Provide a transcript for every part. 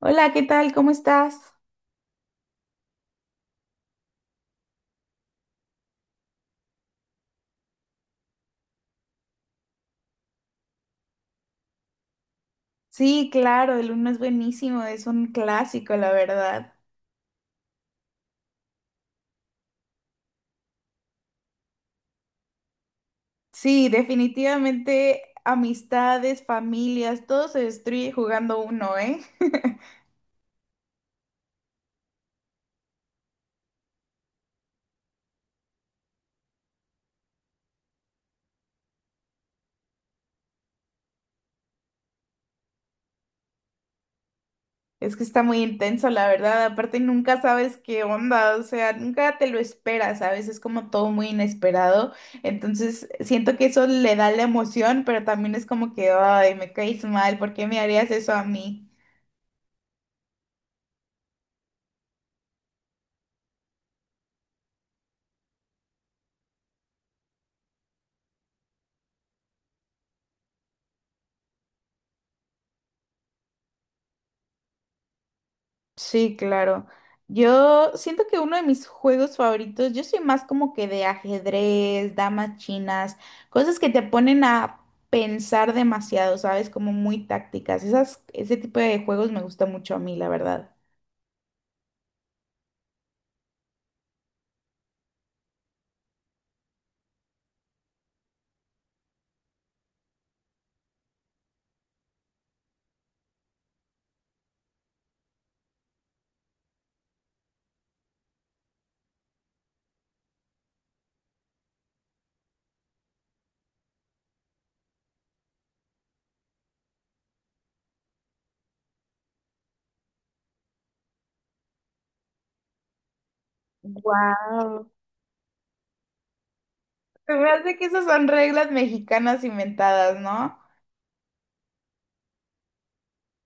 Hola, ¿qué tal? ¿Cómo estás? Sí, claro, el uno es buenísimo, es un clásico, la verdad. Sí, definitivamente amistades, familias, todo se destruye jugando uno, ¿eh? Es que está muy intenso, la verdad. Aparte, nunca sabes qué onda, o sea, nunca te lo esperas, ¿sabes? Es como todo muy inesperado. Entonces, siento que eso le da la emoción, pero también es como que, ay, me caes mal, ¿por qué me harías eso a mí? Sí, claro. Yo siento que uno de mis juegos favoritos, yo soy más como que de ajedrez, damas chinas, cosas que te ponen a pensar demasiado, ¿sabes? Como muy tácticas. Esas, ese tipo de juegos me gusta mucho a mí, la verdad. Wow. Se me hace que esas son reglas mexicanas inventadas, ¿no?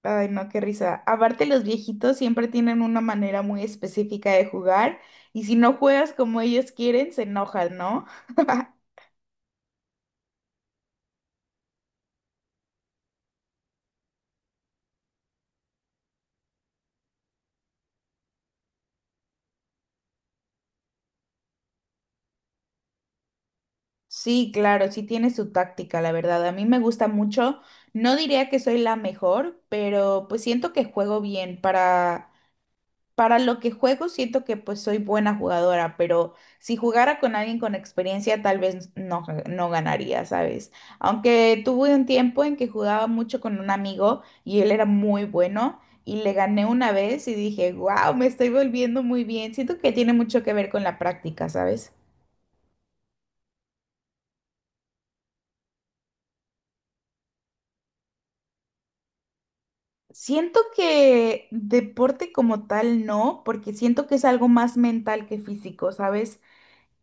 Ay, no, qué risa. Aparte, los viejitos siempre tienen una manera muy específica de jugar y si no juegas como ellos quieren, se enojan, ¿no? Sí, claro, sí tiene su táctica, la verdad. A mí me gusta mucho. No diría que soy la mejor, pero pues siento que juego bien. Para lo que juego, siento que pues soy buena jugadora, pero si jugara con alguien con experiencia, tal vez no, no ganaría, ¿sabes? Aunque tuve un tiempo en que jugaba mucho con un amigo y él era muy bueno y le gané una vez y dije, wow, me estoy volviendo muy bien. Siento que tiene mucho que ver con la práctica, ¿sabes? Siento que deporte como tal no, porque siento que es algo más mental que físico, ¿sabes?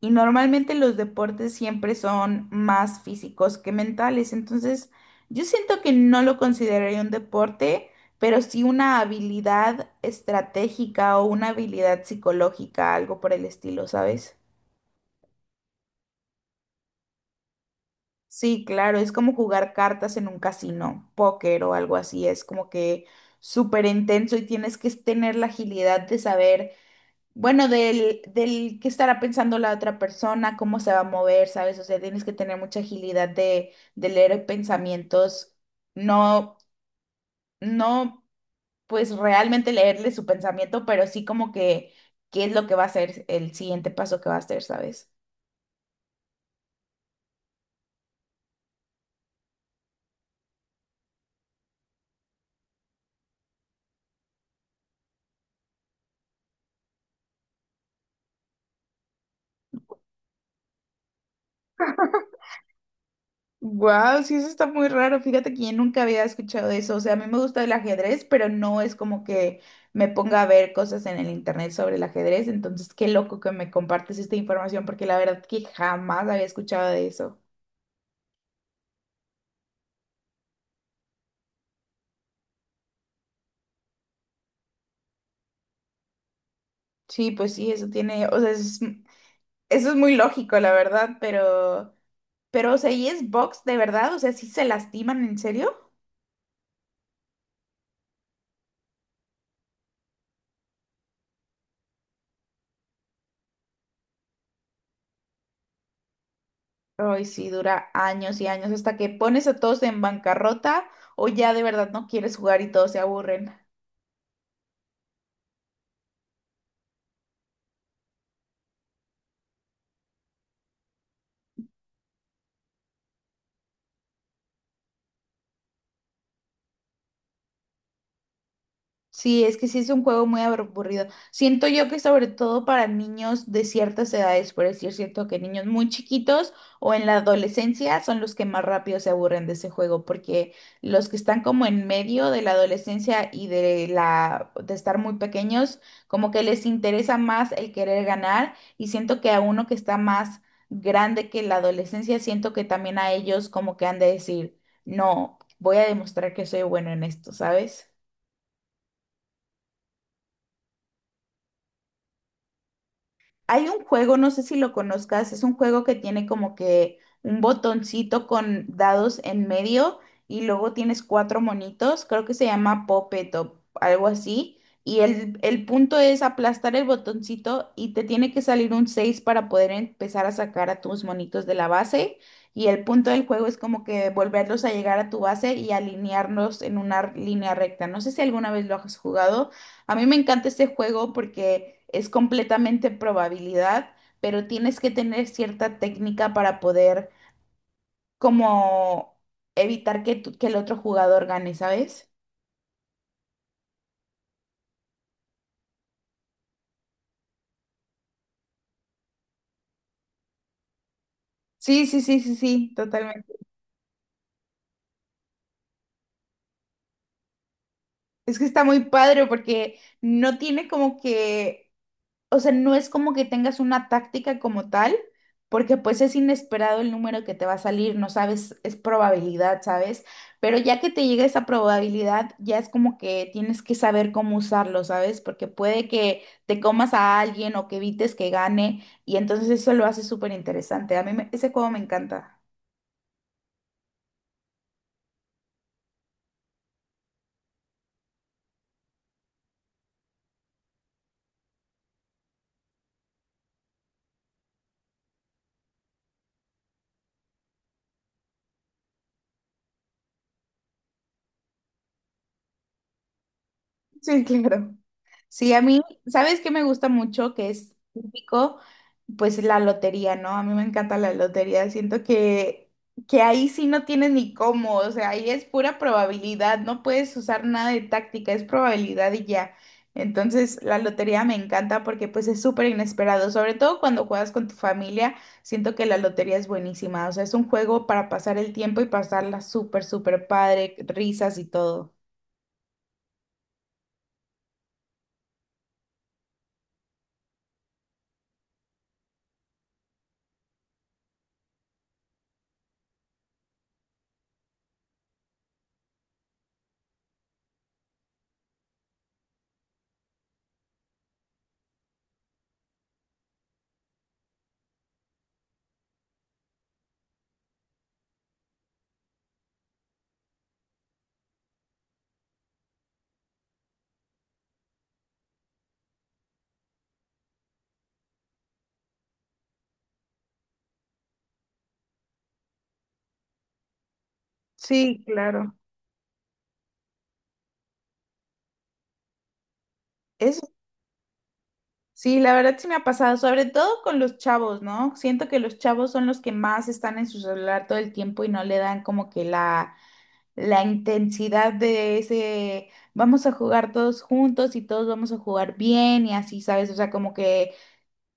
Y normalmente los deportes siempre son más físicos que mentales, entonces yo siento que no lo consideraría un deporte, pero sí una habilidad estratégica o una habilidad psicológica, algo por el estilo, ¿sabes? Sí, claro, es como jugar cartas en un casino, póker o algo así, es como que súper intenso y tienes que tener la agilidad de saber bueno, del qué estará pensando la otra persona, cómo se va a mover, ¿sabes? O sea, tienes que tener mucha agilidad de leer pensamientos, no, no, pues realmente leerle su pensamiento, pero sí como que qué es lo que va a ser el siguiente paso que va a hacer, ¿sabes? Wow, sí, eso está muy raro. Fíjate que yo nunca había escuchado eso. O sea, a mí me gusta el ajedrez, pero no es como que me ponga a ver cosas en el internet sobre el ajedrez. Entonces, qué loco que me compartes esta información, porque la verdad que jamás había escuchado de eso. Sí, pues sí, eso tiene, o sea, eso es muy lógico, la verdad, pero, o sea, ¿y es box de verdad? O sea, ¿sí se lastiman en serio? Ay, sí, dura años y años hasta que pones a todos en bancarrota o ya de verdad no quieres jugar y todos se aburren. Sí, es que sí es un juego muy aburrido. Siento yo que sobre todo para niños de ciertas edades, por decir, siento que niños muy chiquitos o en la adolescencia son los que más rápido se aburren de ese juego, porque los que están como en medio de la adolescencia y de la de estar muy pequeños, como que les interesa más el querer ganar y siento que a uno que está más grande que la adolescencia, siento que también a ellos como que han de decir, "No, voy a demostrar que soy bueno en esto", ¿sabes? Hay un juego, no sé si lo conozcas, es un juego que tiene como que un botoncito con dados en medio y luego tienes cuatro monitos, creo que se llama Puppet o algo así. Y el punto es aplastar el botoncito y te tiene que salir un 6 para poder empezar a sacar a tus monitos de la base. Y el punto del juego es como que volverlos a llegar a tu base y alinearlos en una línea recta. No sé si alguna vez lo has jugado. A mí me encanta este juego porque es completamente probabilidad, pero tienes que tener cierta técnica para poder como evitar que, que el otro jugador gane, ¿sabes? Sí, sí, sí, sí, sí, totalmente. Es que está muy padre porque no tiene como que, o sea, no es como que tengas una táctica como tal, porque pues es inesperado el número que te va a salir, no sabes, es probabilidad, ¿sabes? Pero ya que te llega esa probabilidad, ya es como que tienes que saber cómo usarlo, ¿sabes? Porque puede que te comas a alguien o que evites que gane, y entonces eso lo hace súper interesante. A mí ese juego me encanta. Sí, claro. Sí, a mí, ¿sabes qué me gusta mucho? Que es típico, pues la lotería, ¿no? A mí me encanta la lotería. Siento que ahí sí no tienes ni cómo, o sea, ahí es pura probabilidad, no puedes usar nada de táctica, es probabilidad y ya. Entonces, la lotería me encanta porque pues es súper inesperado, sobre todo cuando juegas con tu familia, siento que la lotería es buenísima, o sea, es un juego para pasar el tiempo y pasarla súper, súper padre, risas y todo. Sí, claro. Es sí, la verdad sí me ha pasado, sobre todo con los chavos, ¿no? Siento que los chavos son los que más están en su celular todo el tiempo y no le dan como que la intensidad de ese, vamos a jugar todos juntos y todos vamos a jugar bien y así, ¿sabes? O sea, como que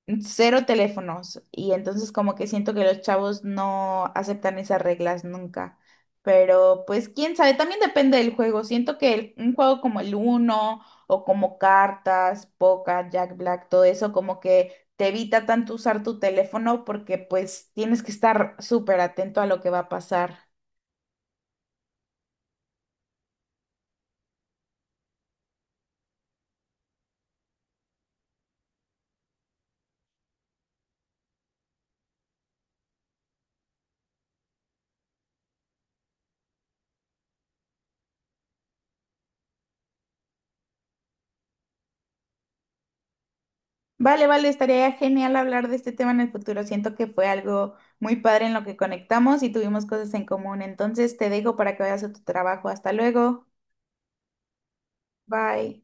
cero teléfonos. Y entonces como que siento que los chavos no aceptan esas reglas nunca. Pero pues quién sabe, también depende del juego. Siento que un juego como el Uno o como cartas, Poker, Jack Black, todo eso como que te evita tanto usar tu teléfono porque pues tienes que estar súper atento a lo que va a pasar. Vale, vale, estaría genial hablar de este tema en el futuro. Siento que fue algo muy padre en lo que conectamos y tuvimos cosas en común. Entonces te dejo para que vayas a tu trabajo. Hasta luego. Bye.